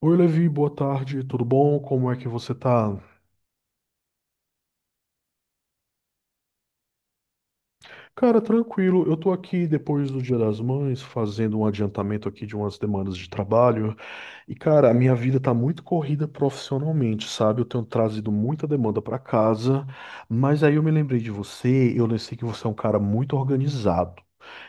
Oi, Levi, boa tarde, tudo bom? Como é que você tá? Cara, tranquilo, eu tô aqui depois do Dia das Mães, fazendo um adiantamento aqui de umas demandas de trabalho. E, cara, a minha vida tá muito corrida profissionalmente, sabe? Eu tenho trazido muita demanda pra casa, mas aí eu me lembrei de você, eu sei que você é um cara muito organizado.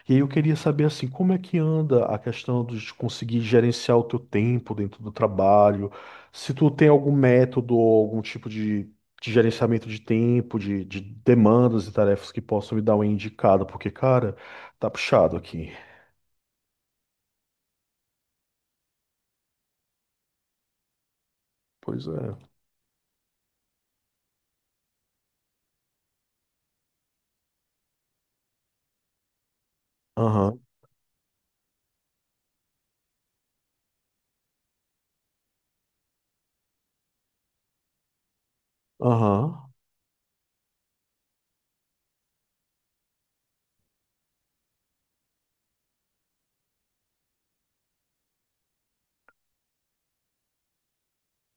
E aí eu queria saber, assim, como é que anda a questão de conseguir gerenciar o teu tempo dentro do trabalho, se tu tem algum método ou algum tipo de gerenciamento de tempo, de demandas e tarefas que possam me dar uma indicada, porque, cara, tá puxado aqui. Pois é. Aham, aham.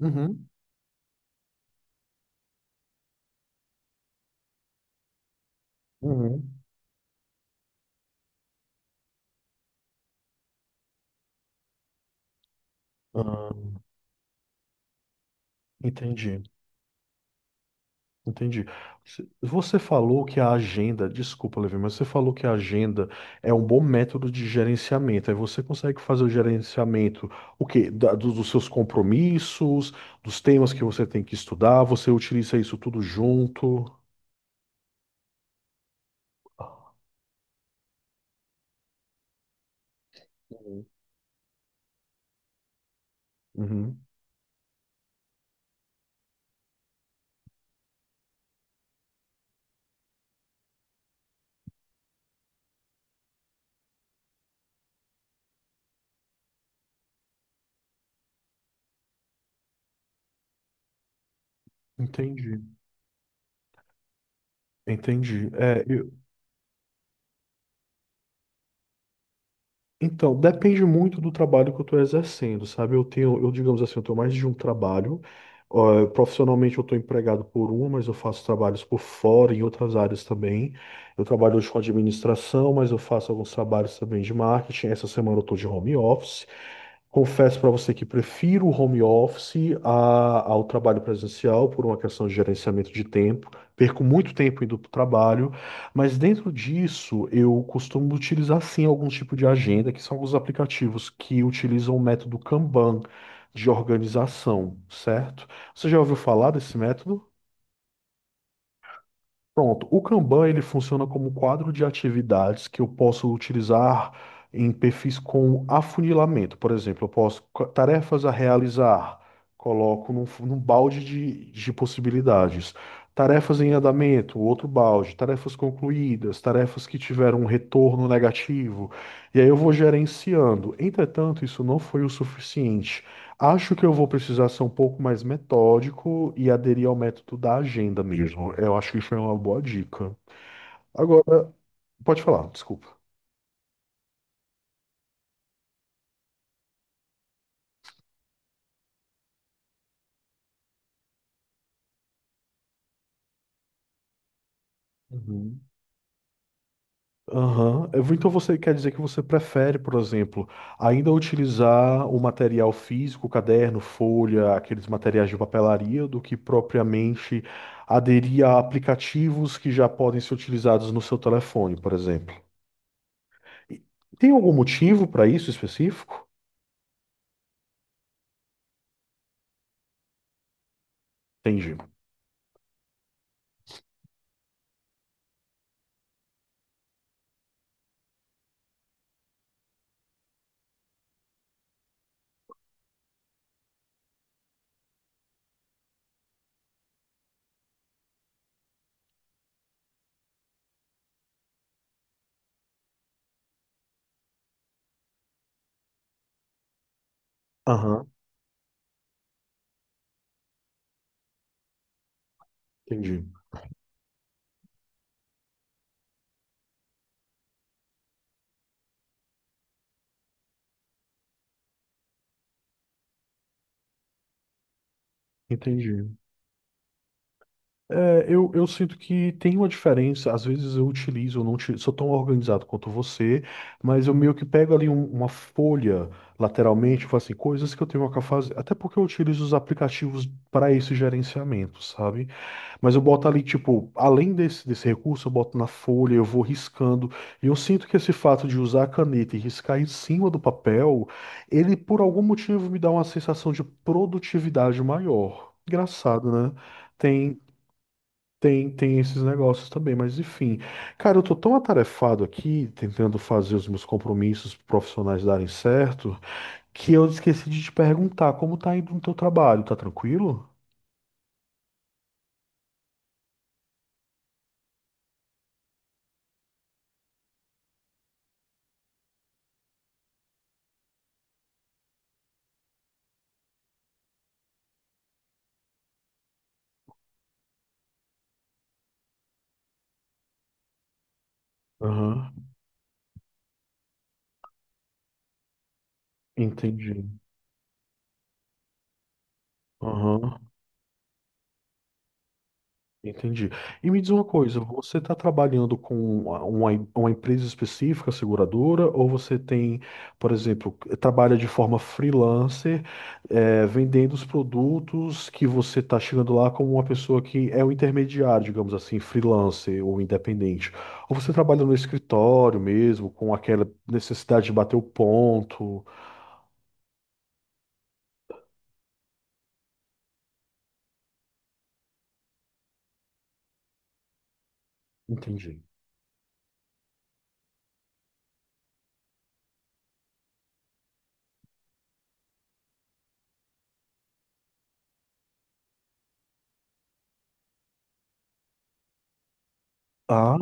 Uhum. Uhum. Ah, entendi, entendi. Você falou que a agenda, desculpa, Levi, mas você falou que a agenda é um bom método de gerenciamento. Aí você consegue fazer o gerenciamento, o quê? Dos seus compromissos, dos temas que você tem que estudar, você utiliza isso tudo junto. Uhum. Uhum. Entendi, entendi. É, então, depende muito do trabalho que eu estou exercendo, sabe? Eu digamos assim, eu tenho mais de um trabalho. Ó, profissionalmente eu estou empregado por uma, mas eu faço trabalhos por fora em outras áreas também. Eu trabalho hoje com administração, mas eu faço alguns trabalhos também de marketing. Essa semana eu estou de home office. Confesso para você que prefiro o home office ao trabalho presencial por uma questão de gerenciamento de tempo. Perco muito tempo indo para o trabalho. Mas dentro disso, eu costumo utilizar sim algum tipo de agenda, que são alguns aplicativos que utilizam o método Kanban de organização, certo? Você já ouviu falar desse método? Pronto, o Kanban ele funciona como um quadro de atividades que eu posso utilizar em perfis com afunilamento. Por exemplo, eu posso tarefas a realizar, coloco num, num balde de possibilidades. Tarefas em andamento, outro balde, tarefas concluídas, tarefas que tiveram um retorno negativo. E aí eu vou gerenciando. Entretanto, isso não foi o suficiente. Acho que eu vou precisar ser um pouco mais metódico e aderir ao método da agenda mesmo. Eu acho que isso é uma boa dica. Agora, pode falar, desculpa. Uhum. Aham. Então você quer dizer que você prefere, por exemplo, ainda utilizar o material físico, caderno, folha, aqueles materiais de papelaria, do que propriamente aderir a aplicativos que já podem ser utilizados no seu telefone, por exemplo. E tem algum motivo para isso específico? Entendi. Aham, entendi. Entendi. É, eu sinto que tem uma diferença. Às vezes eu utilizo, eu não uti- sou tão organizado quanto você, mas eu meio que pego ali uma folha lateralmente, faço assim, coisas que eu tenho que fazer. Até porque eu utilizo os aplicativos para esse gerenciamento, sabe? Mas eu boto ali, tipo, além desse recurso, eu boto na folha, eu vou riscando. E eu sinto que esse fato de usar a caneta e riscar em cima do papel, ele por algum motivo me dá uma sensação de produtividade maior. Engraçado, né? Tem, Tem esses negócios também, mas enfim. Cara, eu tô tão atarefado aqui, tentando fazer os meus compromissos profissionais darem certo, que eu esqueci de te perguntar como tá indo no teu trabalho, tá tranquilo? Aham, entendi. Aham. Entendi. E me diz uma coisa, você está trabalhando com uma empresa específica, seguradora, ou você tem, por exemplo, trabalha de forma freelancer, vendendo os produtos que você está chegando lá como uma pessoa que é o intermediário, digamos assim, freelancer ou independente? Ou você trabalha no escritório mesmo, com aquela necessidade de bater o ponto? Entendi. Ah,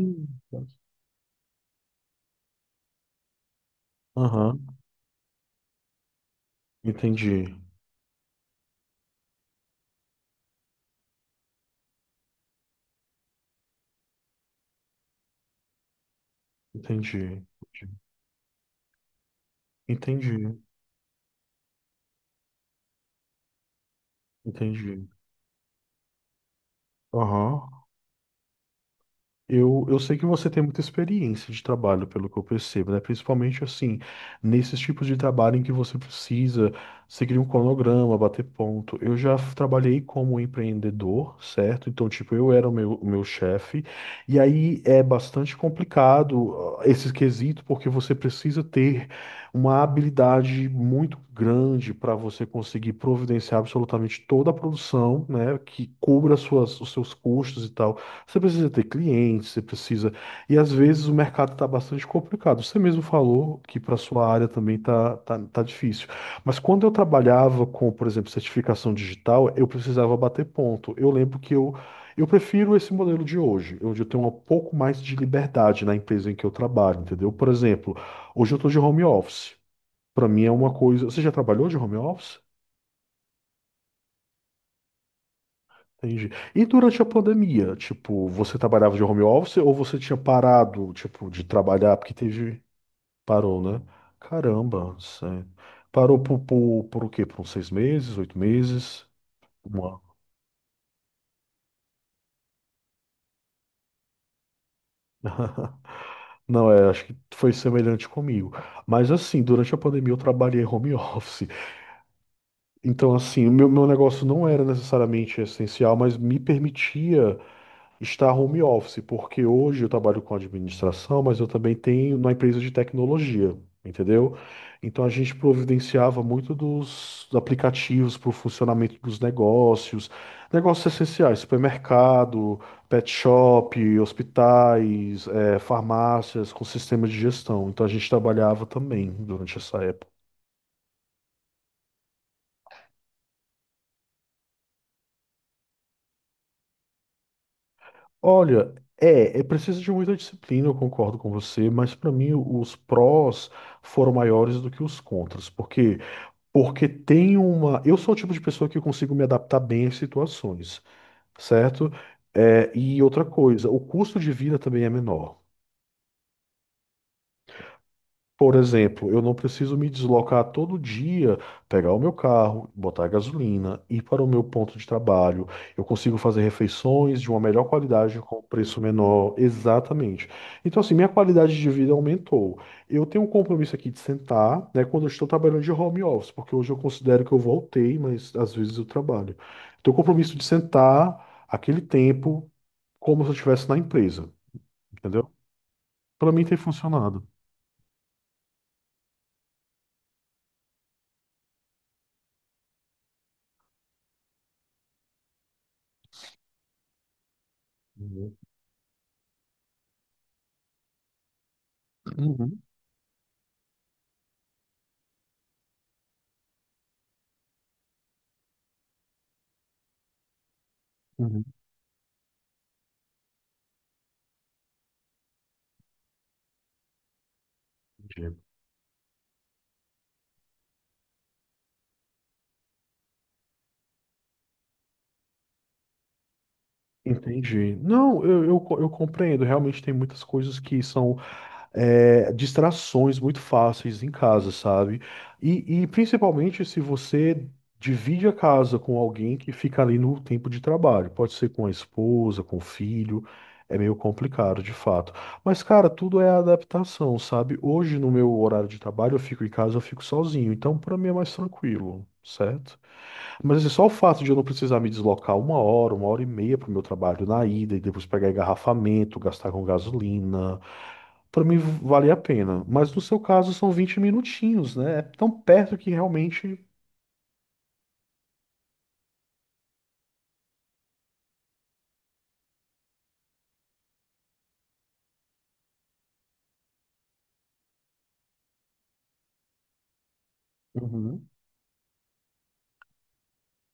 aham, entendi, entendi, entendi, entendi. Aham. Eu sei que você tem muita experiência de trabalho, pelo que eu percebo, né? Principalmente assim, nesses tipos de trabalho em que você precisa seguir um cronograma, bater ponto. Trabalhei como empreendedor, certo? Então, tipo, eu era o meu chefe, e aí é bastante complicado ah, esse quesito, porque você precisa ter uma habilidade muito grande para você conseguir providenciar absolutamente toda a produção, né? Que cubra suas, os seus custos e tal. Você precisa ter clientes, você precisa. E às vezes o mercado está bastante complicado. Você mesmo falou que para sua área também tá difícil. Mas quando eu trabalhava com, por exemplo, certificação digital, eu precisava bater ponto. Eu lembro que Eu prefiro esse modelo de hoje, onde eu tenho um pouco mais de liberdade na empresa em que eu trabalho, entendeu? Por exemplo, hoje eu estou de home office. Para mim é uma coisa. Você já trabalhou de home office? Entendi. E durante a pandemia, tipo, você trabalhava de home office ou você tinha parado, tipo, de trabalhar porque teve... Parou, né? Caramba, sério. Parou por o quê? Por uns seis meses, oito meses? Um ano. Não, é, acho que foi semelhante comigo. Mas assim, durante a pandemia eu trabalhei home office. Então, assim, meu negócio não era necessariamente essencial, mas me permitia está home office, porque hoje eu trabalho com administração, mas eu também tenho na empresa de tecnologia, entendeu? Então a gente providenciava muito dos aplicativos para o funcionamento dos negócios, negócios essenciais, supermercado, pet shop, hospitais, farmácias com sistema de gestão. Então a gente trabalhava também durante essa época. Olha, é, é preciso de muita disciplina, eu concordo com você, mas para mim os prós foram maiores do que os contras, porque tem uma, eu sou o tipo de pessoa que consigo me adaptar bem às situações, certo? É, e outra coisa, o custo de vida também é menor. Por exemplo, eu não preciso me deslocar todo dia, pegar o meu carro, botar gasolina, ir para o meu ponto de trabalho. Eu consigo fazer refeições de uma melhor qualidade com preço menor, exatamente. Então, assim, minha qualidade de vida aumentou. Eu tenho um compromisso aqui de sentar, né, quando eu estou trabalhando de home office, porque hoje eu considero que eu voltei, mas às vezes eu trabalho. Tenho o compromisso de sentar aquele tempo como se eu estivesse na empresa, entendeu? Para mim tem funcionado. Uhum. Uhum. Uhum. Entendi. Não, eu compreendo. Realmente tem muitas coisas que são é, distrações muito fáceis em casa, sabe? E principalmente se você divide a casa com alguém que fica ali no tempo de trabalho. Pode ser com a esposa, com o filho. É meio complicado, de fato. Mas, cara, tudo é adaptação, sabe? Hoje, no meu horário de trabalho, eu fico em casa, eu fico sozinho. Então, pra mim é mais tranquilo, certo? Mas assim, só o fato de eu não precisar me deslocar uma hora e meia para o meu trabalho na ida e depois pegar engarrafamento, gastar com gasolina, para mim vale a pena. Mas no seu caso são 20 minutinhos, né? É tão perto que realmente. Uhum.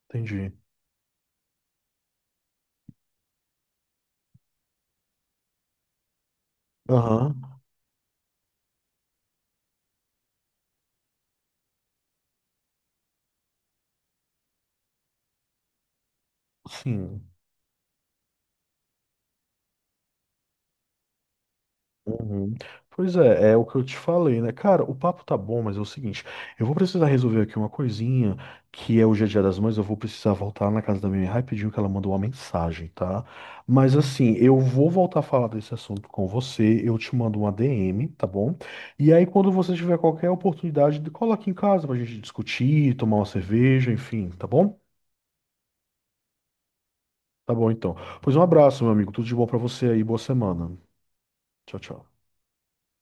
Entendi. Aham, sim. Uhum. Pois é, é o que eu te falei, né? Cara, o papo tá bom, mas é o seguinte, eu vou precisar resolver aqui uma coisinha, que é o Dia a Dia das Mães, eu vou precisar voltar na casa da minha mãe rapidinho que ela mandou uma mensagem, tá? Mas assim, eu vou voltar a falar desse assunto com você, eu te mando uma DM, tá bom? E aí quando você tiver qualquer oportunidade, cola aqui em casa pra gente discutir, tomar uma cerveja, enfim, tá bom? Tá bom então. Pois um abraço, meu amigo, tudo de bom pra você aí, boa semana. Tchau, tchau.